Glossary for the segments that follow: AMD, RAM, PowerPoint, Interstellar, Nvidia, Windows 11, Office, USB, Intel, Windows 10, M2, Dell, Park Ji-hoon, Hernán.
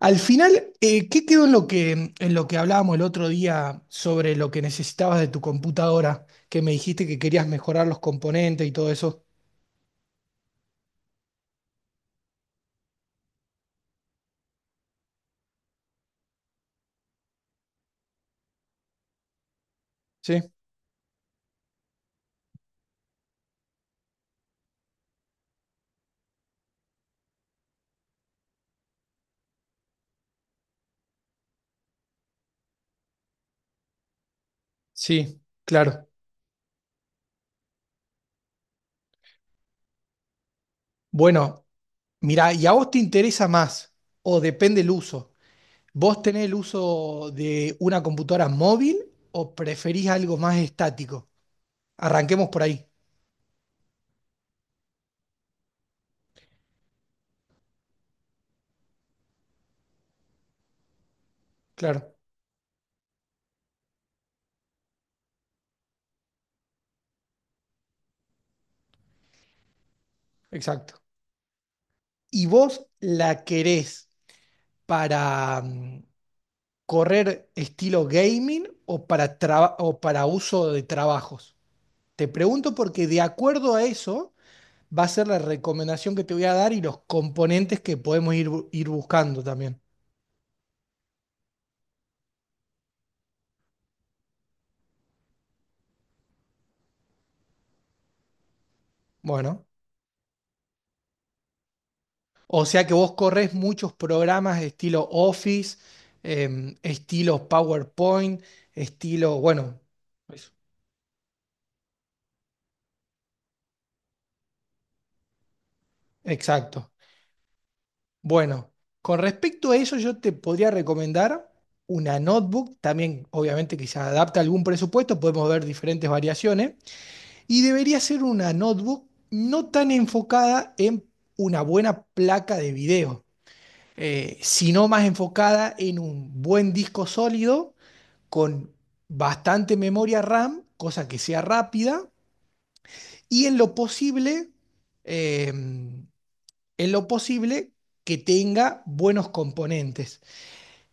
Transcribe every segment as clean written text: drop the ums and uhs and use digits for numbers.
Al final, ¿qué quedó en lo que hablábamos el otro día sobre lo que necesitabas de tu computadora? Que me dijiste que querías mejorar los componentes y todo eso. Sí, sí, claro. Bueno, mirá, ¿y a vos te interesa más? O depende el uso. ¿Vos tenés el uso de una computadora móvil o preferís algo más estático? Arranquemos por ahí. Claro, exacto. ¿Y vos la querés para, correr estilo gaming o para uso de trabajos? Te pregunto porque de acuerdo a eso va a ser la recomendación que te voy a dar y los componentes que podemos ir buscando también. Bueno, o sea que vos corres muchos programas estilo Office, estilo PowerPoint, estilo, bueno, eso. Exacto. Bueno, con respecto a eso, yo te podría recomendar una notebook, también obviamente que se adapta a algún presupuesto, podemos ver diferentes variaciones, y debería ser una notebook no tan enfocada en una buena placa de video, sino más enfocada en un buen disco sólido con bastante memoria RAM, cosa que sea rápida, y eh, en lo posible que tenga buenos componentes.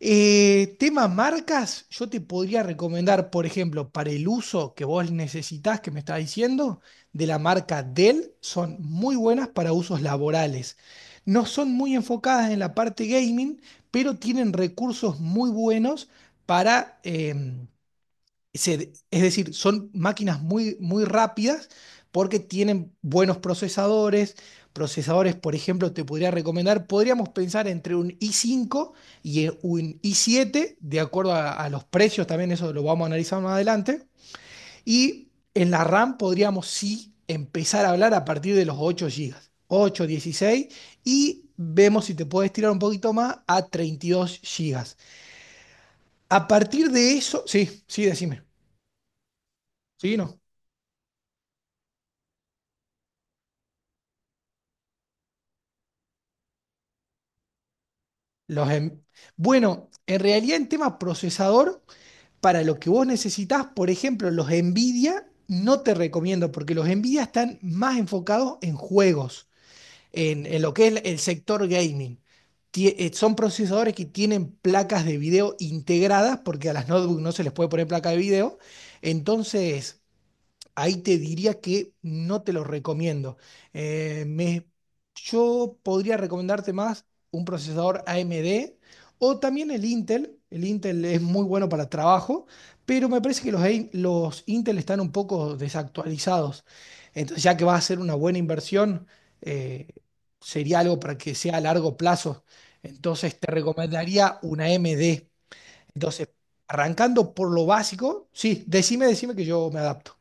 Tema marcas, yo te podría recomendar, por ejemplo, para el uso que vos necesitás, que me estás diciendo, de la marca Dell, son muy buenas para usos laborales. No son muy enfocadas en la parte gaming, pero tienen recursos muy buenos para, es decir, son máquinas muy, muy rápidas porque tienen buenos procesadores. Procesadores, por ejemplo, te podría recomendar, podríamos pensar entre un i5 y un i7 de acuerdo a los precios, también eso lo vamos a analizar más adelante. Y en la RAM podríamos sí empezar a hablar a partir de los 8 gigas, ocho, 16, y vemos si te puedes tirar un poquito más a 32 gigas. A partir de eso, sí, sí, decime. Sí, no. Los em- Bueno, en realidad en tema procesador, para lo que vos necesitás, por ejemplo, los Nvidia no te recomiendo porque los Nvidia están más enfocados en juegos, en lo que es el sector gaming. Son procesadores que tienen placas de video integradas porque a las notebooks no se les puede poner placa de video. Entonces, ahí te diría que no te lo recomiendo. Eh, me- yo podría recomendarte más un procesador AMD o también el Intel. El Intel es muy bueno para trabajo, pero me parece que los Intel están un poco desactualizados. Entonces, ya que va a ser una buena inversión, eh, sería algo para que sea a largo plazo. Entonces, te recomendaría una AMD. Entonces, arrancando por lo básico, sí, decime que yo me adapto.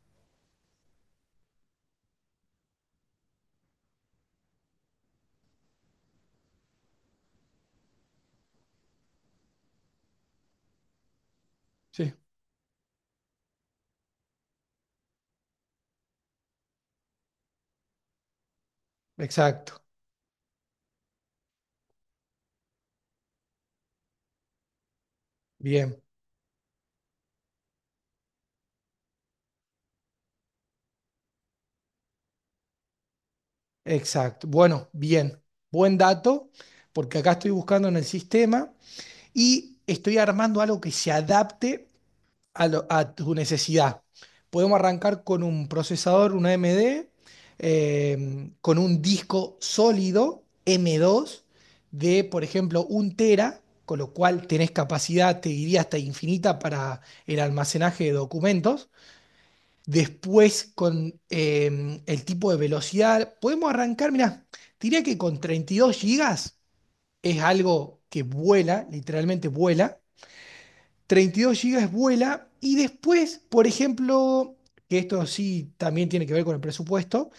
Sí. Exacto, bien, exacto. Bueno, bien, buen dato, porque acá estoy buscando en el sistema y estoy armando algo que se adapte a tu necesidad. Podemos arrancar con un procesador, una AMD, con un disco sólido M2 de, por ejemplo, un tera, con lo cual tenés capacidad, te diría, hasta infinita para el almacenaje de documentos. Después, con el tipo de velocidad, podemos arrancar, mirá, diría que con 32 gigas es algo que vuela, literalmente vuela. 32 gigas vuela y después, por ejemplo, que esto sí también tiene que ver con el presupuesto,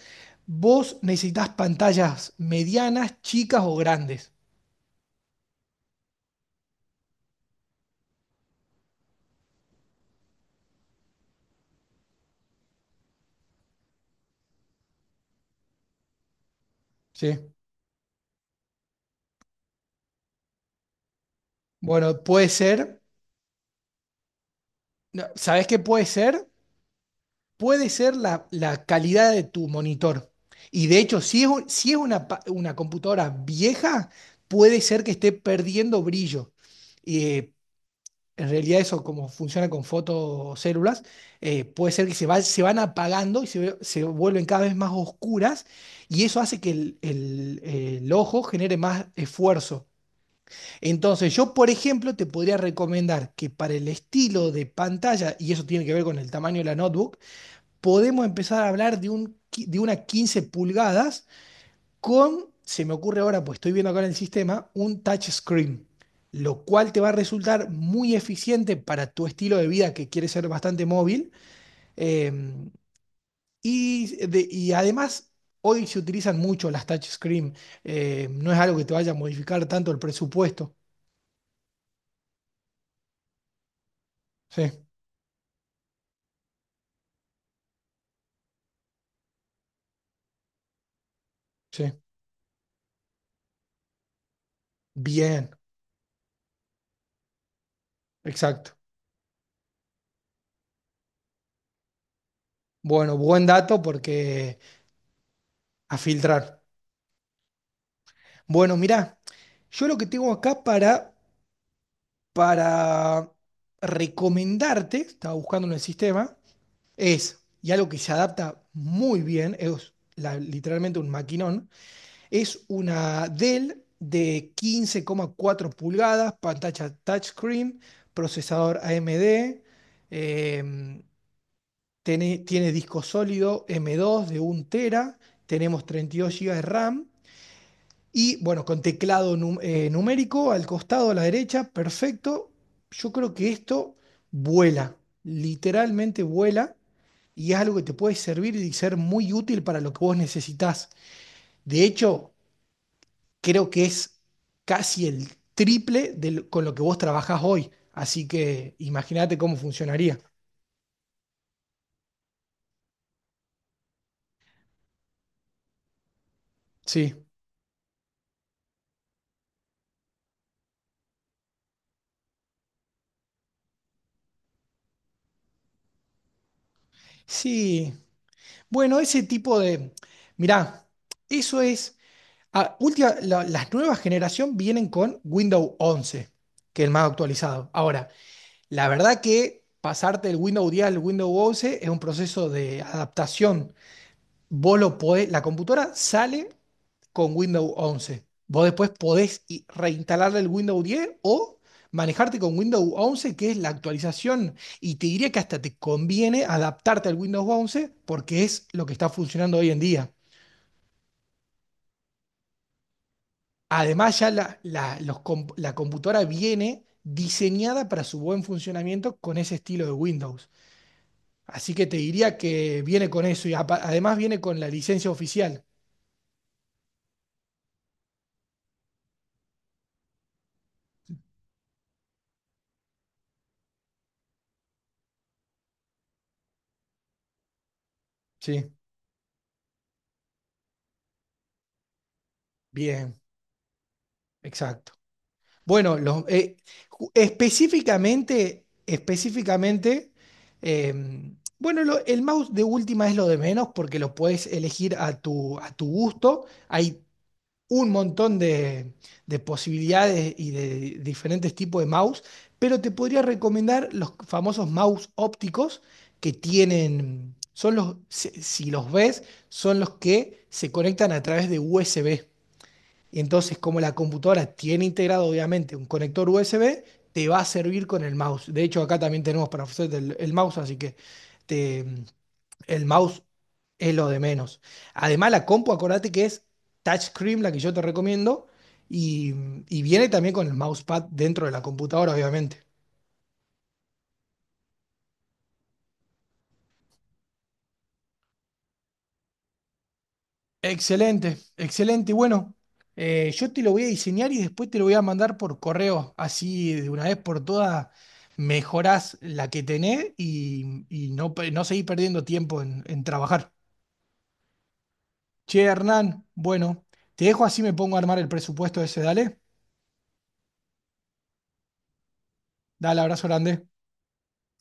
vos necesitas pantallas medianas, chicas o grandes. ¿Sí? Bueno, puede ser, no, ¿sabés qué puede ser? Puede ser la calidad de tu monitor. Y de hecho, si es una computadora vieja, puede ser que esté perdiendo brillo. Y en realidad eso, como funciona con fotocélulas, puede ser que se van apagando y se vuelven cada vez más oscuras, y eso hace que el ojo genere más esfuerzo. Entonces, yo, por ejemplo, te podría recomendar que para el estilo de pantalla, y eso tiene que ver con el tamaño de la notebook, podemos empezar a hablar de una 15 pulgadas con, se me ocurre ahora, pues estoy viendo acá en el sistema, un touch screen, lo cual te va a resultar muy eficiente para tu estilo de vida que quiere ser bastante móvil. eh, y además, hoy se utilizan mucho las touchscreen, no es algo que te vaya a modificar tanto el presupuesto. Sí, sí. Bien, exacto. Bueno, buen dato porque a filtrar. Bueno, mirá, yo lo que tengo acá para recomendarte, estaba buscando en el sistema, es, y algo que se adapta muy bien, es literalmente un maquinón, es una Dell de 15,4 pulgadas, pantalla touchscreen, procesador AMD, em, tiene disco sólido M2 de un tera, tenemos 32 gigas de RAM. Y bueno, con teclado numérico al costado, a la derecha, perfecto. Yo creo que esto vuela, literalmente vuela, y es algo que te puede servir y ser muy útil para lo que vos necesitás. De hecho, creo que es casi el triple con lo que vos trabajás hoy. Así que imagínate cómo funcionaría. Sí. Sí. Bueno, ese tipo de... Mirá, eso es. Ah, las nuevas generación vienen con Windows 11, que es el más actualizado. Ahora, la verdad que pasarte del Windows 10 al Windows 11 es un proceso de adaptación. Vos lo podés, la computadora sale con Windows 11. Vos después podés reinstalarle el Windows 10 o manejarte con Windows 11, que es la actualización. Y te diría que hasta te conviene adaptarte al Windows 11 porque es lo que está funcionando hoy en día. Además, ya la computadora viene diseñada para su buen funcionamiento con ese estilo de Windows. Así que te diría que viene con eso y además viene con la licencia oficial. Sí, bien, exacto. Bueno, específicamente, eh, bueno, el mouse de última es lo de menos porque lo puedes elegir a tu gusto. Hay un montón de posibilidades y de diferentes tipos de mouse, pero te podría recomendar los famosos mouse ópticos que tienen, son los, si los ves, son los que se conectan a través de USB. Y entonces, como la computadora tiene integrado obviamente un conector USB, te va a servir con el mouse. De hecho, acá también tenemos para ofrecerte el mouse, así que te, el mouse es lo de menos. Además, la compu, acordate que es touchscreen, la que yo te recomiendo, y, y viene también con el mousepad dentro de la computadora, obviamente. Excelente, excelente. Y bueno, yo te lo voy a diseñar y después te lo voy a mandar por correo. Así de una vez por todas mejorás la que tenés y, no seguís perdiendo tiempo en trabajar. Che, Hernán, bueno, te dejo así me pongo a armar el presupuesto ese, dale. Dale, abrazo grande.